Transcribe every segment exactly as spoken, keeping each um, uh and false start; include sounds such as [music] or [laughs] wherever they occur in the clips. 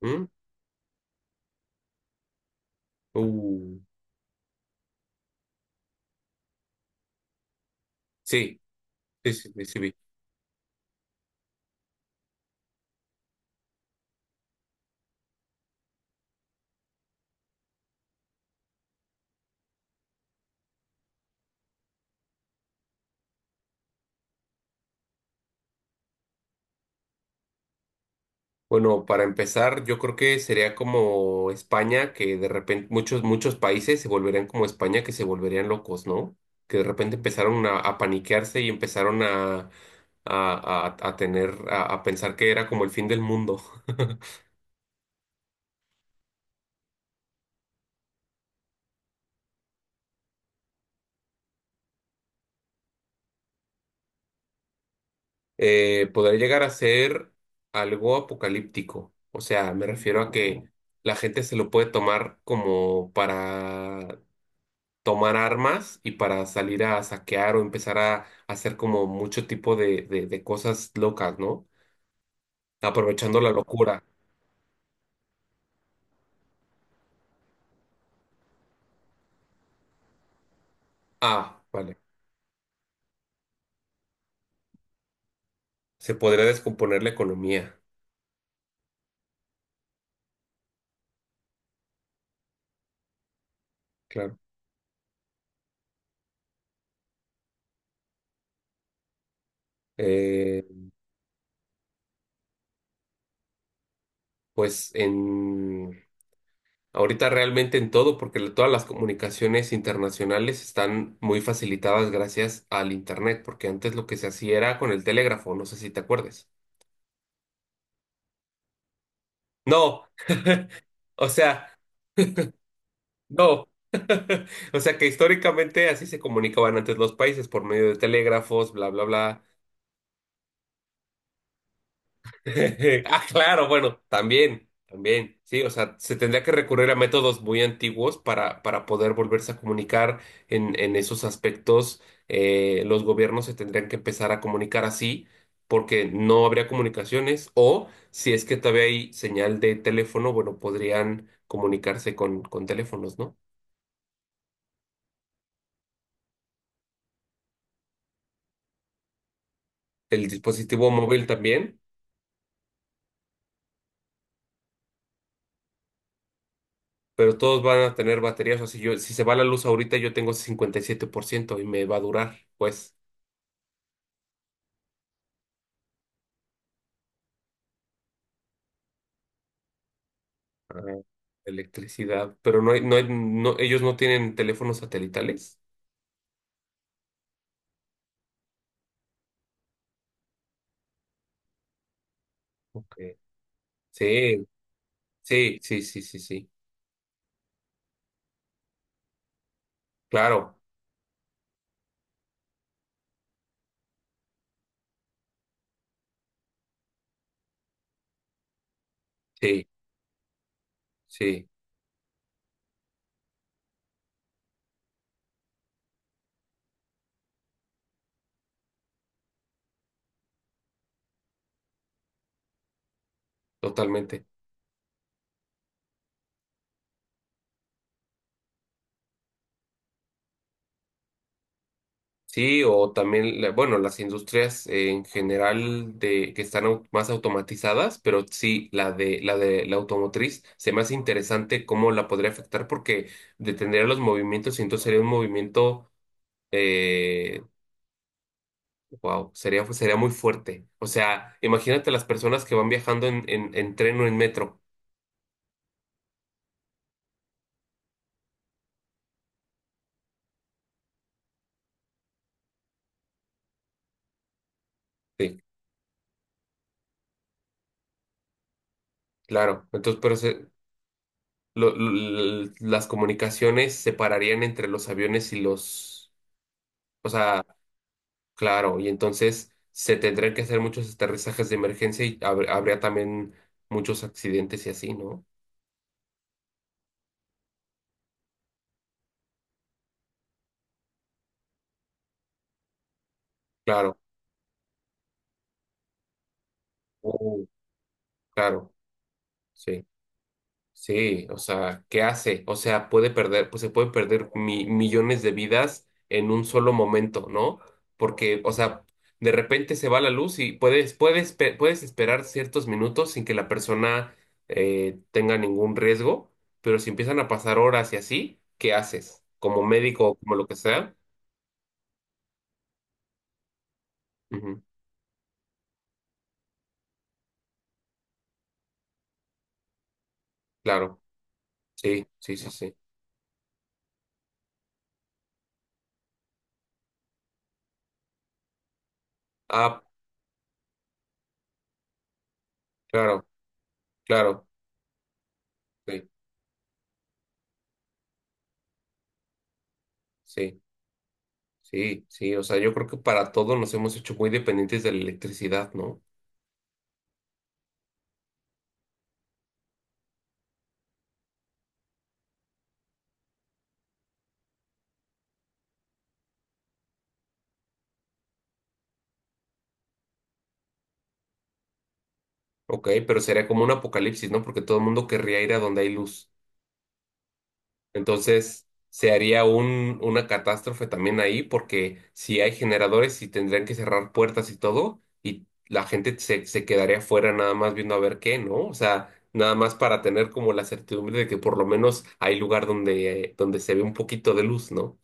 ¿Mm? Uh, sí, sí, sí, sí, sí vi. Bueno, para empezar, yo creo que sería como España, que de repente muchos, muchos países se volverían como España, que se volverían locos, ¿no? Que de repente empezaron a, a paniquearse y empezaron a, a, a- a tener, a, a pensar que era como el fin del mundo. [laughs] Eh, podría llegar a ser algo apocalíptico. O sea, me refiero a que la gente se lo puede tomar como para tomar armas y para salir a saquear o empezar a hacer como mucho tipo de, de, de cosas locas, ¿no? Aprovechando la locura. Ah, vale. Se podría descomponer la economía, claro. Eh, pues en ahorita realmente en todo, porque la- todas las comunicaciones internacionales están muy facilitadas gracias al internet, porque antes lo que se hacía era con el telégrafo, no sé si te acuerdes. No, o sea. No. [laughs] O sea que históricamente así se comunicaban antes los países por medio de telégrafos, bla, bla, bla. [laughs] Ah, claro, bueno, también, también. Sí, o sea, se tendría que recurrir a métodos muy antiguos para, para poder volverse a comunicar en, en esos aspectos. Eh, los gobiernos se tendrían que empezar a comunicar así porque no habría comunicaciones o si es que todavía hay señal de teléfono, bueno, podrían comunicarse con, con teléfonos, ¿no? El dispositivo móvil también. Pero todos van a tener baterías. O sea, si yo, si se va la luz ahorita, yo tengo cincuenta y siete por ciento y siete por ciento y me va a durar, pues, ah, electricidad. Pero no hay, no hay, no, ellos no tienen teléfonos satelitales. Ok. Sí, sí, sí, sí, sí, sí. Claro, sí, sí, totalmente. Sí, o también, la- bueno, las industrias eh, en general de que están au- más automatizadas, pero sí, la de la de la automotriz se me hace interesante cómo la podría afectar porque detendría los movimientos y entonces sería un movimiento, eh, wow, sería sería muy fuerte. O sea, imagínate las personas que van viajando en, en, en tren o en metro. Sí, claro. Entonces, pero se- lo- lo- las comunicaciones se pararían entre los aviones y los, o sea. Claro, y entonces se tendrían que hacer muchos aterrizajes de emergencia y hab- habría también muchos accidentes y así, ¿no? Claro, Uh, claro, sí, sí, o sea, ¿qué hace? O sea, puede perder, pues se puede perder mi- millones de vidas en un solo momento, ¿no? Porque, o sea, de repente se va la luz y puedes, puedes, pe- puedes esperar ciertos minutos sin que la persona eh, tenga ningún riesgo, pero si empiezan a pasar horas y así, ¿qué haces? Como médico o como lo que sea. Ujú, claro, sí, sí, sí, sí. Ah, claro, claro, sí, sí, sí, sí. O sea, yo creo que para todo nos hemos hecho muy dependientes de la electricidad, ¿no? Ok, pero sería como un apocalipsis, ¿no? Porque todo el mundo querría ir a donde hay luz. Entonces, se haría un, una catástrofe también ahí, porque si hay generadores y tendrían que cerrar puertas y todo, y la gente se, se quedaría afuera nada más viendo a ver qué, ¿no? O sea, nada más para tener como la certidumbre de que por lo menos hay lugar donde, donde se ve un poquito de luz, ¿no?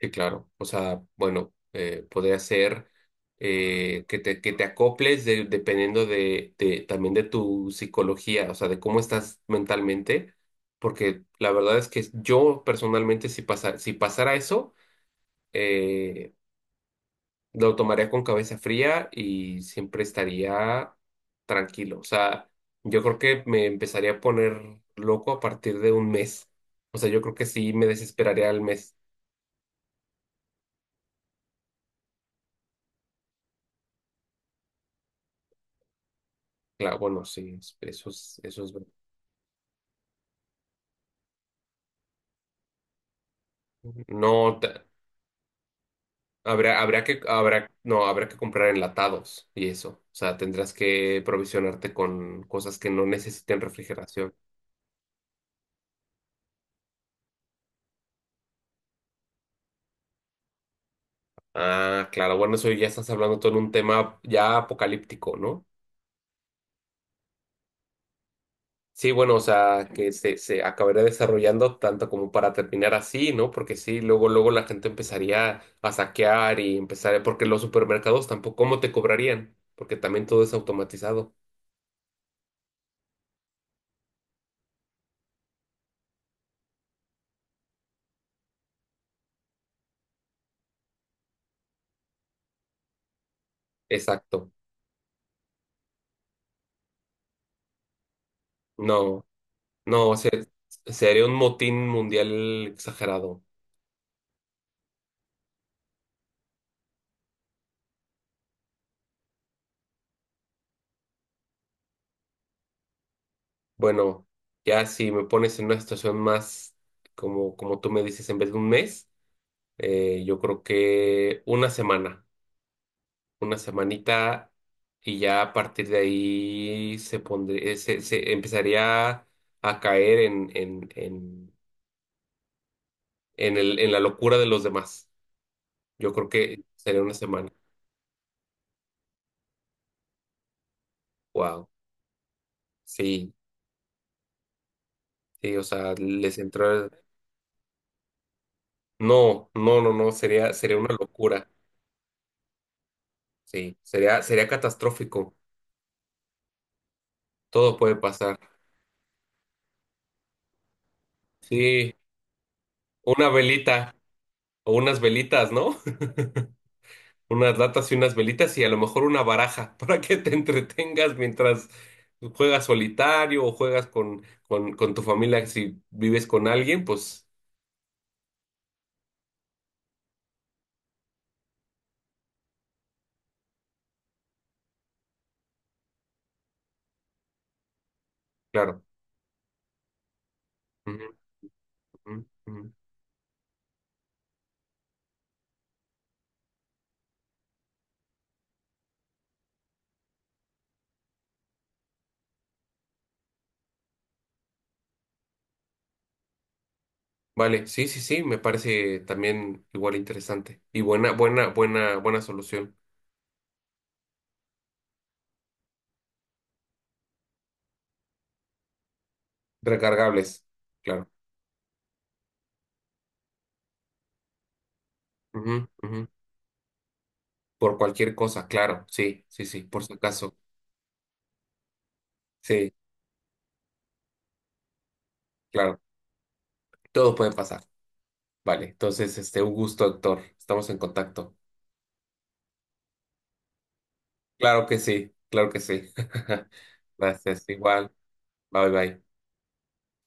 Sí, claro. O sea, bueno, eh, podría ser eh, que te, que te acoples de- dependiendo de, de- también de tu psicología, o sea, de cómo estás mentalmente, porque la verdad es que yo personalmente si pasa, si pasara eso, eh, lo tomaría con cabeza fría y siempre estaría tranquilo. O sea, yo creo que me empezaría a poner loco a partir de un mes. O sea, yo creo que sí me desesperaría al mes. Claro, bueno, sí, es- eso es, eso es No, te- habrá, habrá que, habrá, no, habrá que comprar enlatados y eso. O sea, tendrás que provisionarte con cosas que no necesiten refrigeración. Ah, claro, bueno, eso ya estás hablando todo en un tema ya apocalíptico, ¿no? Sí, bueno, o sea, que se, se acabaría desarrollando tanto como para terminar así, ¿no? Porque sí, luego, luego la gente empezaría a saquear y empezar, porque los supermercados tampoco, ¿cómo te cobrarían? Porque también todo es automatizado. Exacto. No. No, se- sería un motín mundial exagerado. Bueno, ya si me pones en una situación más como, como tú me dices, en vez de un mes, eh, yo creo que una semana, una semanita y ya a partir de ahí se pondría, se, se empezaría a caer en, en, en, en el, en la locura de los demás. Yo creo que sería una semana. Wow. Sí, sí, o sea, les entró. No, no, no, no, sería, sería una locura. Sí, sería, sería catastrófico. Todo puede pasar. Sí, una velita o unas velitas, ¿no? [laughs] Unas latas y unas velitas y a lo mejor una baraja [laughs] para que te entretengas mientras juegas solitario o juegas con, con, con tu familia. Si vives con alguien, pues claro. Ujú, ujú, ujú. Vale, sí, sí, sí, me parece también igual interesante. Y buena, buena, buena, buena solución. Recargables, claro. Ujú, ujú. Por cualquier cosa, claro, sí, sí, sí, por si acaso. Sí, claro, todo puede pasar. Vale, entonces, este, un gusto, Héctor. Estamos en contacto. Claro que sí, claro que sí. [laughs] Gracias, igual. Bye, bye.